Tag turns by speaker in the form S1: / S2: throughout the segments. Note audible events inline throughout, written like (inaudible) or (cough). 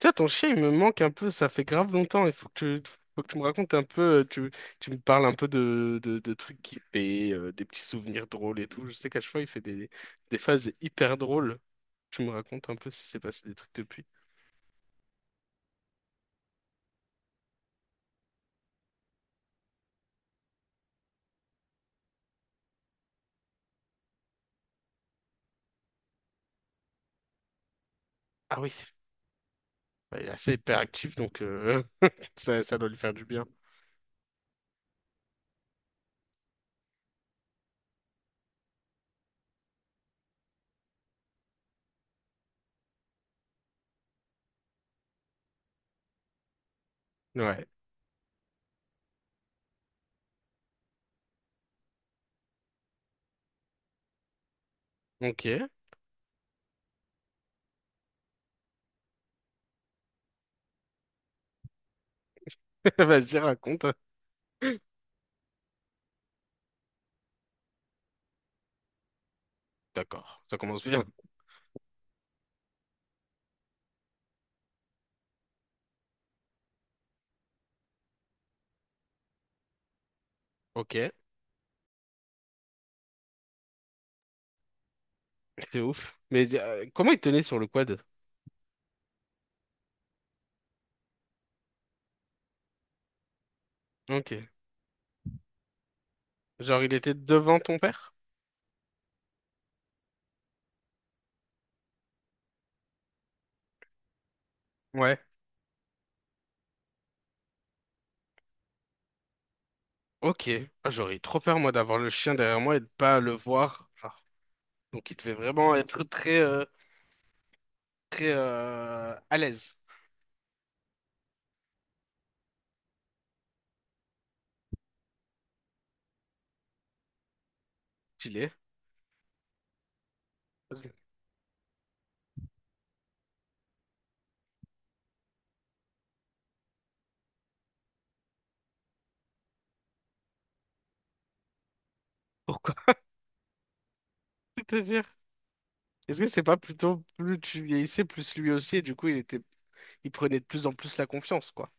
S1: Tiens, ton chien, il me manque un peu, ça fait grave longtemps. Il tu, faut que tu me racontes un peu, tu, tu me parles un peu de trucs qu'il fait, des petits souvenirs drôles et tout. Je sais qu'à chaque fois, il fait des phases hyper drôles. Tu me racontes un peu si s'est passé des trucs depuis. Ah oui, bah, il est assez hyper actif donc (laughs) ça doit lui faire du bien. Ouais, ok. (laughs) Vas-y, raconte. D'accord, ça commence bien. Ok, c'est ouf. Mais comment il tenait sur le quad? Ok. Genre, il était devant ton père? Ok, ah, j'aurais eu trop peur moi d'avoir le chien derrière moi et de pas le voir. Genre. Donc il devait vraiment être très très à l'aise. Stylé. Pourquoi? C'est-à-dire, est-ce que c'est pas plutôt plus tu vieillissais, plus lui aussi, et du coup il prenait de plus en plus la confiance, quoi.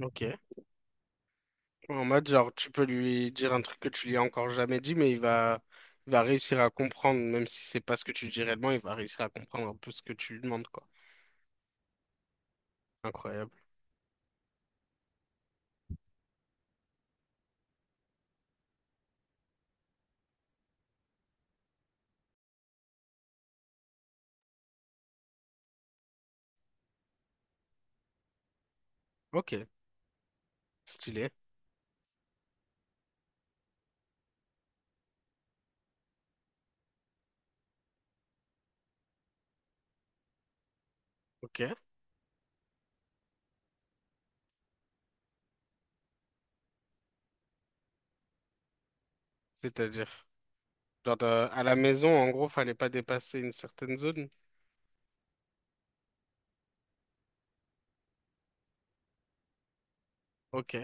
S1: Ok. En mode genre tu peux lui dire un truc que tu lui as encore jamais dit, mais il va réussir à comprendre, même si c'est pas ce que tu lui dis réellement, il va réussir à comprendre un peu ce que tu lui demandes, quoi. Incroyable. Ok, stylé. Ok. C'est-à-dire, genre de- à la maison, en gros, fallait pas dépasser une certaine zone. Ok.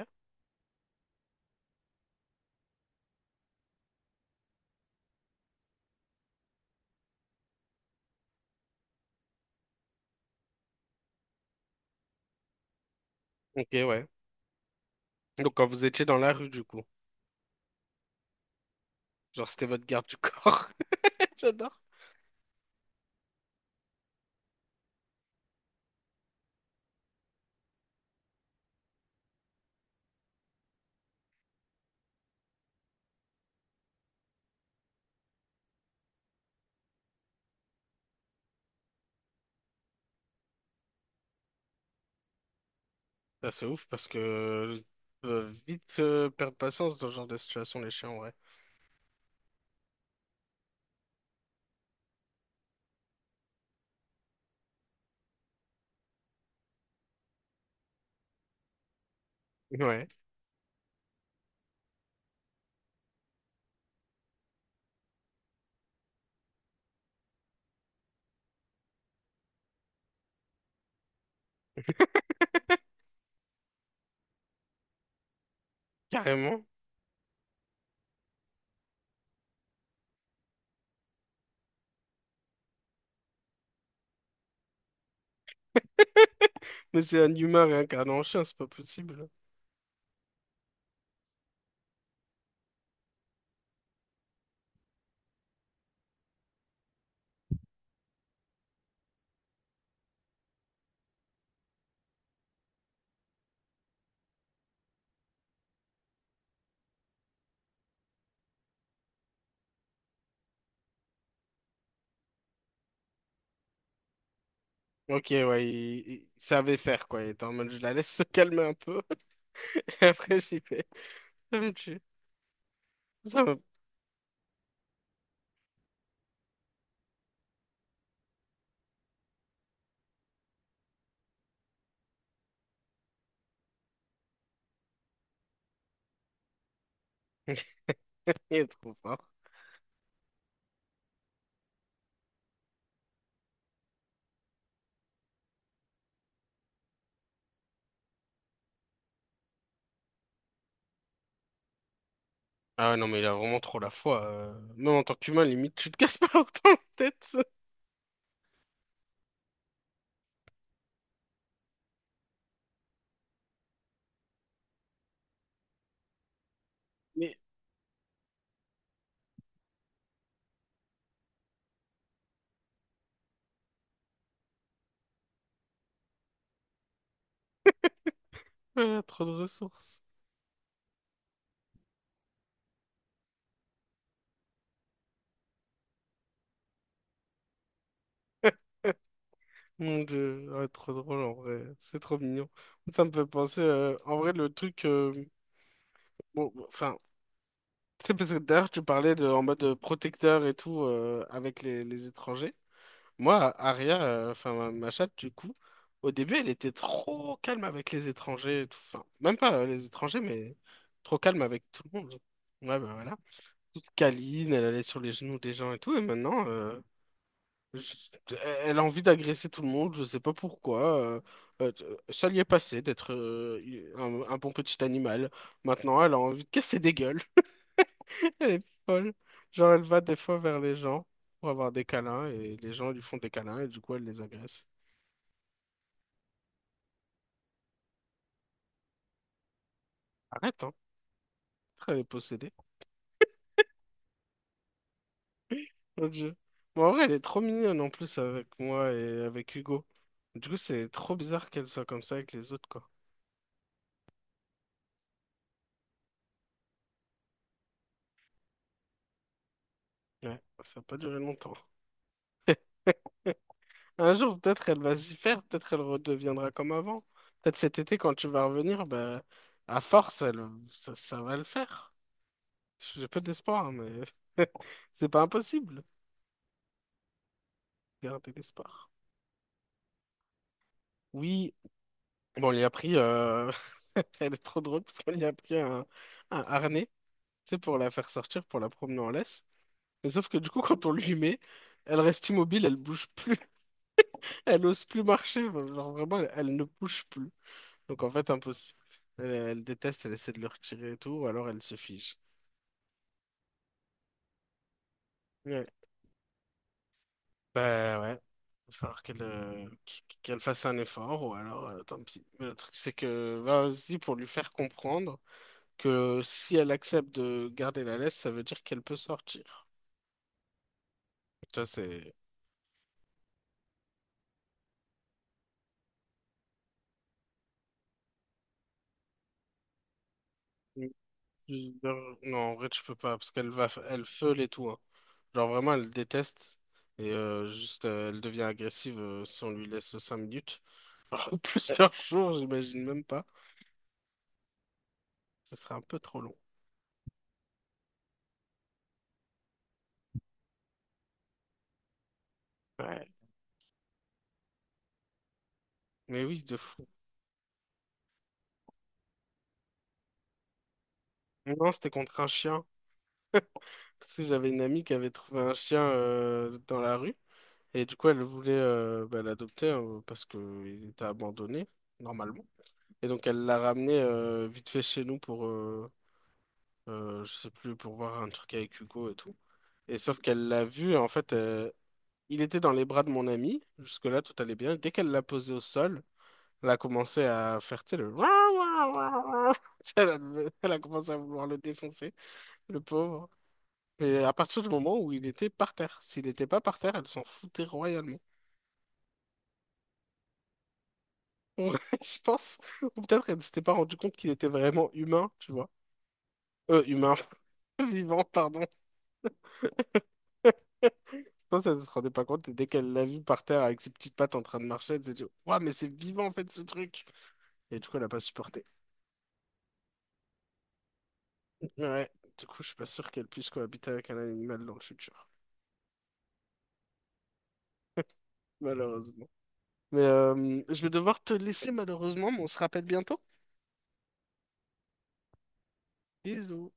S1: Ok, ouais. Donc quand vous étiez dans la rue, du coup, genre c'était votre garde du corps. (laughs) J'adore. Bah, c'est ouf parce que vite perdre patience dans ce genre de situation, les chiens, ouais. Ouais, (laughs) carrément. Mais c'est un humain réincarné en chien, c'est pas possible. Ok, ouais, il savait faire quoi. Il était en mode, je la laisse se calmer un peu. (laughs) Et après, j'y vais. Ça me tue. Ça me... Il est trop fort. Ah ouais, non, mais il a vraiment trop la foi. Même en tant qu'humain, limite, tu te casses (laughs) pas autant la tête. Mais... Ah, trop de ressources. (laughs) Mon Dieu, ouais, trop drôle en vrai, c'est trop mignon. Ça me fait penser, en vrai, le truc, bon, bon, enfin, c'est parce que d'ailleurs tu parlais de, en mode protecteur et tout avec les étrangers. Moi, Aria, enfin ma chatte du coup, au début elle était trop calme avec les étrangers, et tout. Enfin, même pas les étrangers, mais trop calme avec tout le monde. Ouais, bah voilà. Toute câline, elle allait sur les genoux des gens et tout, et maintenant, je- elle a envie d'agresser tout le monde, je sais pas pourquoi. Euh, Ça lui est passé d'être un bon petit animal. Maintenant, elle a envie de casser des gueules. (laughs) Elle est folle. Genre, elle va des fois vers les gens pour avoir des câlins, et les gens lui font des câlins, et du coup, elle les agresse. Arrête, hein. Elle est possédée. Mon Dieu. Bon, en vrai, elle est trop mignonne en plus avec moi et avec Hugo. Du coup, c'est trop bizarre qu'elle soit comme ça avec les autres, quoi. Ouais, ça n'a pas duré longtemps. Un jour, peut-être elle va s'y faire, peut-être elle redeviendra comme avant. Peut-être cet été, quand tu vas revenir, bah, à force, elle, ça va le faire. J'ai peu d'espoir, hein, mais (laughs) c'est pas impossible. Gardez l'espoir. Oui, bon, on lui a pris. (laughs) Elle est trop drôle parce qu'on lui a pris un harnais, tu sais, pour la faire sortir, pour la promener en laisse. Mais sauf que du coup, quand on lui met, elle reste immobile, elle bouge plus, (laughs) elle ose plus marcher. Genre vraiment, elle ne bouge plus. Donc en fait, impossible. Elle, elle déteste, elle essaie de le retirer et tout, ou alors elle se fige. Ouais. Bah ouais. Il va falloir qu'elle qu'elle fasse un effort, ou alors tant pis. Mais le truc, c'est que bah, vas-y pour lui faire comprendre que si elle accepte de garder la laisse, ça veut dire qu'elle peut sortir. Ça, c'est. Non, en vrai, tu peux pas, parce qu'elle va, elle feule et tout. Hein. Genre vraiment, elle déteste. Et juste, elle devient agressive si on lui laisse 5 minutes. (laughs) Plusieurs jours, j'imagine même pas. Ça serait un peu trop long. Ouais. Mais oui, de fou. Non, c'était contre un chien. Parce que j'avais une amie qui avait trouvé un chien dans la rue. Et du coup, elle voulait bah, l'adopter parce qu'il était abandonné, normalement. Et donc, elle l'a ramené vite fait chez nous pour, je sais plus, pour voir un truc avec Hugo et tout. Et sauf qu'elle l'a vu, en fait, il était dans les bras de mon ami. Jusque-là, tout allait bien. Dès qu'elle l'a posé au sol, elle a commencé à faire, tu sais, le... (laughs) Tu sais, elle a, elle a commencé à vouloir le défoncer, le pauvre. Et à partir du moment où il était par terre, s'il n'était pas par terre, elle s'en foutait royalement. (laughs) Ouais, je pense. Ou peut-être elle ne s'était pas rendu compte qu'il était vraiment humain, tu vois. Humain, (laughs) vivant, pardon. (laughs) Je pense qu'elle ne se rendait pas compte. Et dès qu'elle l'a vu par terre avec ses petites pattes en train de marcher, elle s'est dit, ouah, mais c'est vivant en fait ce truc. Et du coup, elle n'a pas supporté. Ouais, du coup, je suis pas sûr qu'elle puisse cohabiter avec un animal dans le futur. Malheureusement. Mais je vais devoir te laisser malheureusement, mais on se rappelle bientôt. Bisous.